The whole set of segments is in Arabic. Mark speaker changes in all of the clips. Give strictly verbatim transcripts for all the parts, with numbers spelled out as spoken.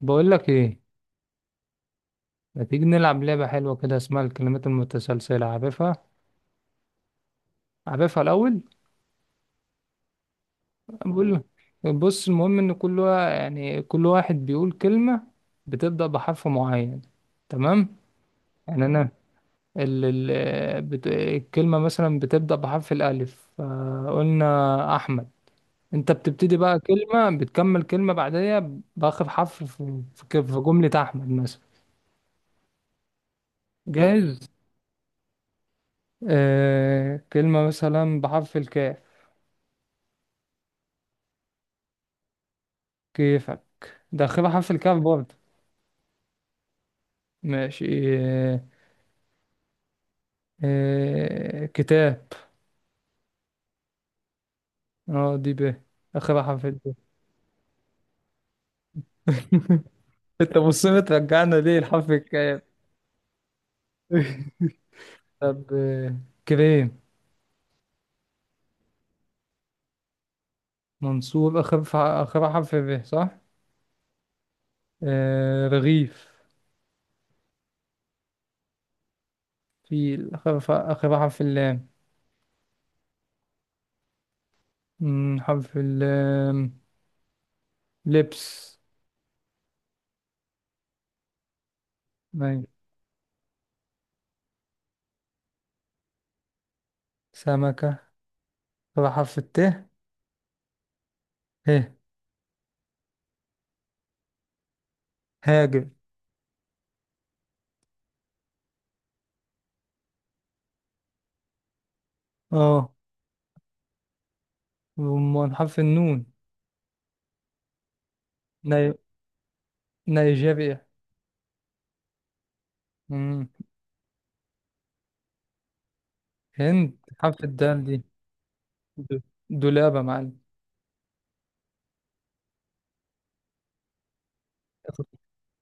Speaker 1: بقول لك ايه. ما تيجي نلعب لعبة حلوة كده اسمها الكلمات المتسلسلة، عارفها؟ عارفها الأول؟ بقول لك. بص، المهم ان كل وا- يعني كل واحد بيقول كلمة بتبدأ بحرف معين، تمام؟ يعني انا ال ال بت... الكلمة مثلا بتبدأ بحرف الألف، فقلنا أحمد. انت بتبتدي بقى كلمة، بتكمل كلمة بعديها بآخر حرف في, في في جملة أحمد مثلا. جاهز؟ آه، كلمة مثلا بحرف الكاف. كيفك؟ دخلها حرف الكاف برضه. ماشي، إيه. إيه. كتاب. اه، دي ب، اخرها حرف ال ب. انت مصر ترجعنا ليه الحرف الكاف؟ طب آه، كريم. منصور، آخر ف- آخر حرف ب، صح؟ آه، رغيف. فيل، آخر ف- آخر حرف اللام. مم، حرف اللام، لبس. مي. سمكة، آخر حرف الت. ه. هاجر. اه، وأمال حرف النون. ني... نيجيريا. مم. هند، حرف الدال دي. د- دولابة يا معلم.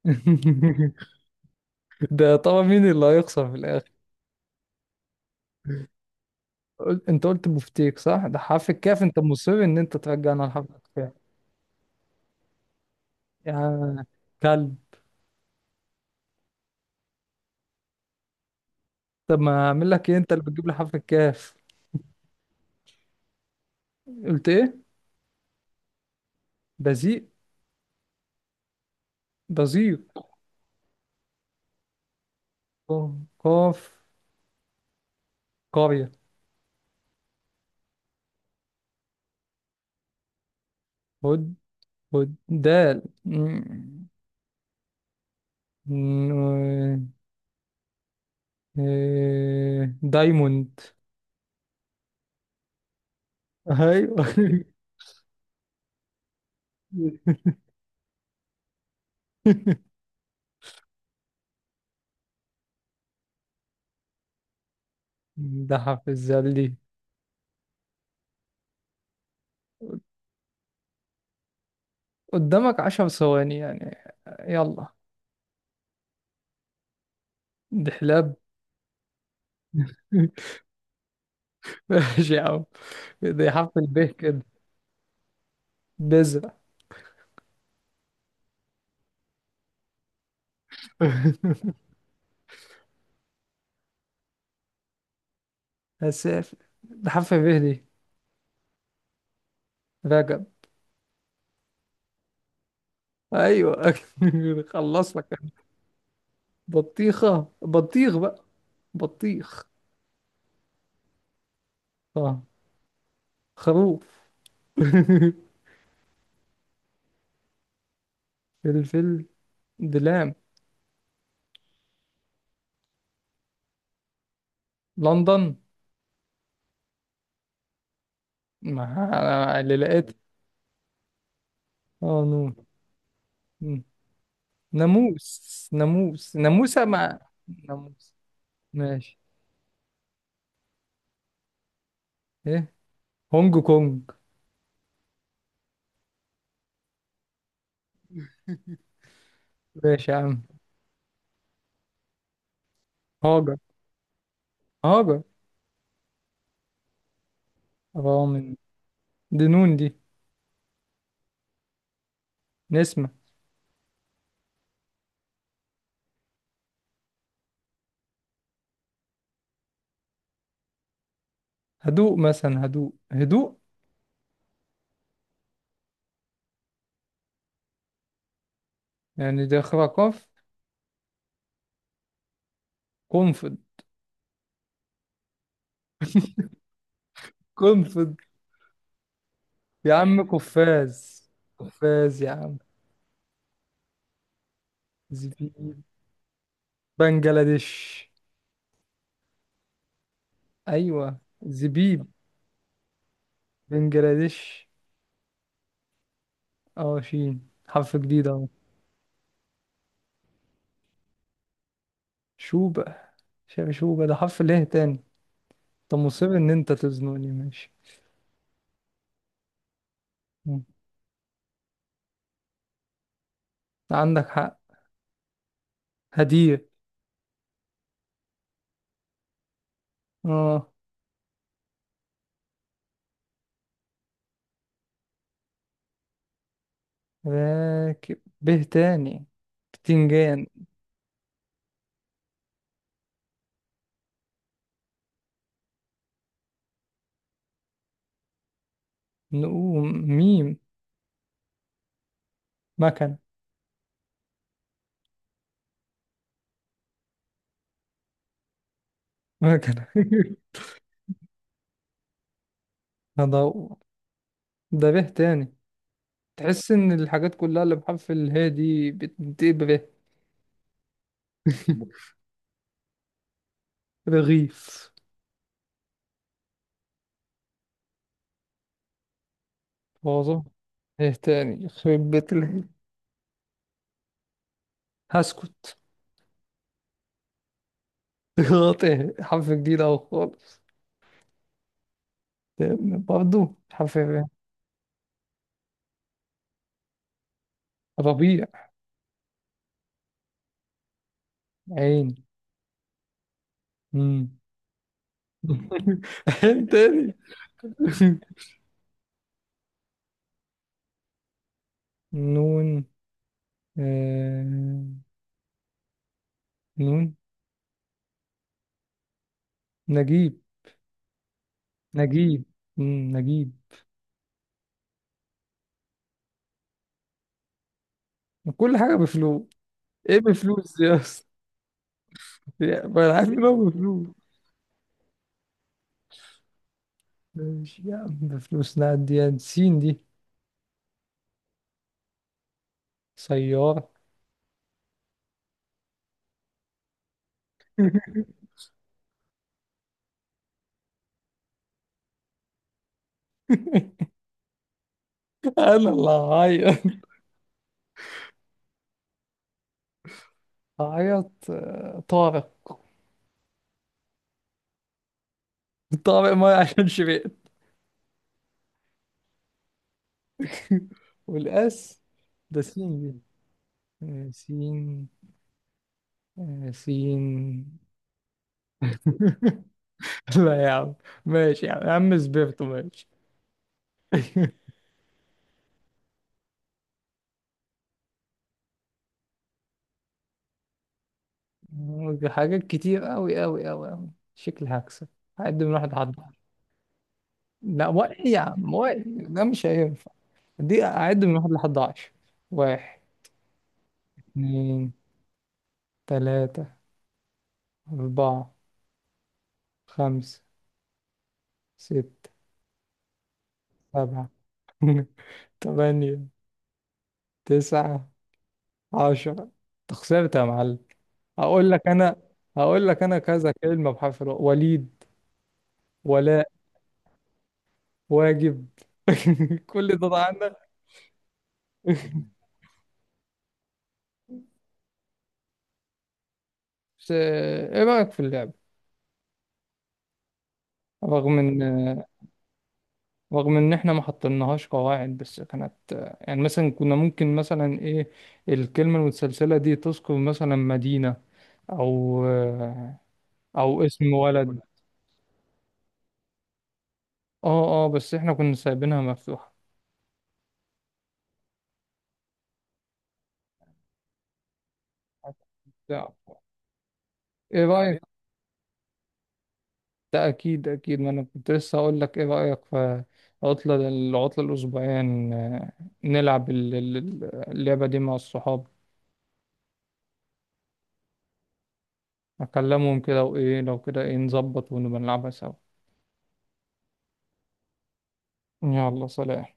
Speaker 1: ده طبعا مين اللي هيخسر في الآخر. قلت، انت قلت بفتيك صح؟ ده حرف الكاف، انت مصر ان انت ترجعنا لحرف الكاف. يا كلب. طب ما اعمل لك ايه، انت اللي بتجيب لي حرف الكاف. قلت ايه؟ بزيق. بزيق. ق- قاف. قرية. هد. هد. دال، مم. ن- إيه، دايموند. ايوه. ده في الزلي. قدامك عشر ثواني يعني، يلا. دحلاب. ماشي يا عم. ده حرف الب كده. بذرة. هسافر. ده حرف ب دي. رجب. ايوه. خلص لك أنا. بطيخة، بطيخ بقى. بطيخ. اه، خروف. فلفل. دلام. لندن. ما أنا اللي لقيت. اه، نور. مم. ناموس ناموس ناموسة مع. ناموس. ماشي. ايه. هونج كونج. ماشي يا عم. هاجر. هاجر. اه، من. دي نون دي. نسمة. هدوء مثلا، هدوء هدوء يعني ده خرا قاف. قنفذ. قنفذ يا عم، قفاز. قفاز يا عم. زبيب. بنجلاديش. ايوه زبيب. بنجلاديش. اه، شين حرف جديد اهو. شوبة. شا- شوبة، ده حرف ليه تاني؟ انت مصر ان انت تزنقني، ماشي. مم. عندك حق. هدير. اه. راكب، به تاني. بتنجان. نقوم. ميم. مكنة. مكنة هدور. ده به تاني. تحس ان الحاجات كلها اللي بحرف اله دي بتنتهي به. رغيف. واظن. ايه تاني يخرب بيت ال- هسكت. غلطة، حرف جديد اهو خالص. برضه حرف ر- ربيع. عين. مم. عين تاني. نون. آه... نون. نجيب. نجيب. مم. نجيب. كل حاجة بفلوس. ايه بفلوس دي اصلا؟ يا- ما انا عارف إن هو بفلوس. ماشي يا عم بفلوس، نعدي سين دي. سيارة. انا اللي هعيط. هعيط آه، طارق. طارق ما عشان شبعت. والاس. ده سين دي. آه، سين. آه، سين. لا يا عم. ماشي يا عم، يا عم سبيرتو، ماشي. حاجات كتير أوي أوي أوي أوي، شكلي هكسب. هعد من واحد لحد عشرة. لا واحد يا عم، واحد ده مش هينفع. دي أعد من واحد لحد عشرة. واحد. اتنين. تلاتة. أربعة. خمسة. ستة. سبعة. تمانية. تسعة. عشرة. أنت خسرت يا معلم. هقول لك أنا. هقول لك أنا كذا كلمة بحرف الواو. وليد. ولاء. واجب. كل ده عنك. بس إيه رأيك في اللعبة؟ رغم ان. رغم ان احنا ما حطيناهاش قواعد، بس كانت يعني مثلا، كنا ممكن مثلا ايه الكلمة المتسلسلة دي تذكر مثلا مدينة او او اسم ولد. اه اه، بس احنا كنا سايبينها مفتوحة. ايه رأيك؟ ده اكيد، اكيد ما انا كنت لسه اقول لك ايه رأيك في عطلة، العطلة الاسبوعية ن- نلعب ال- ال- اللعبة دي مع الصحاب. اكلمهم كده، وايه لو كده، ايه نظبط ونبقى نلعبها سوا؟ يلا سلام.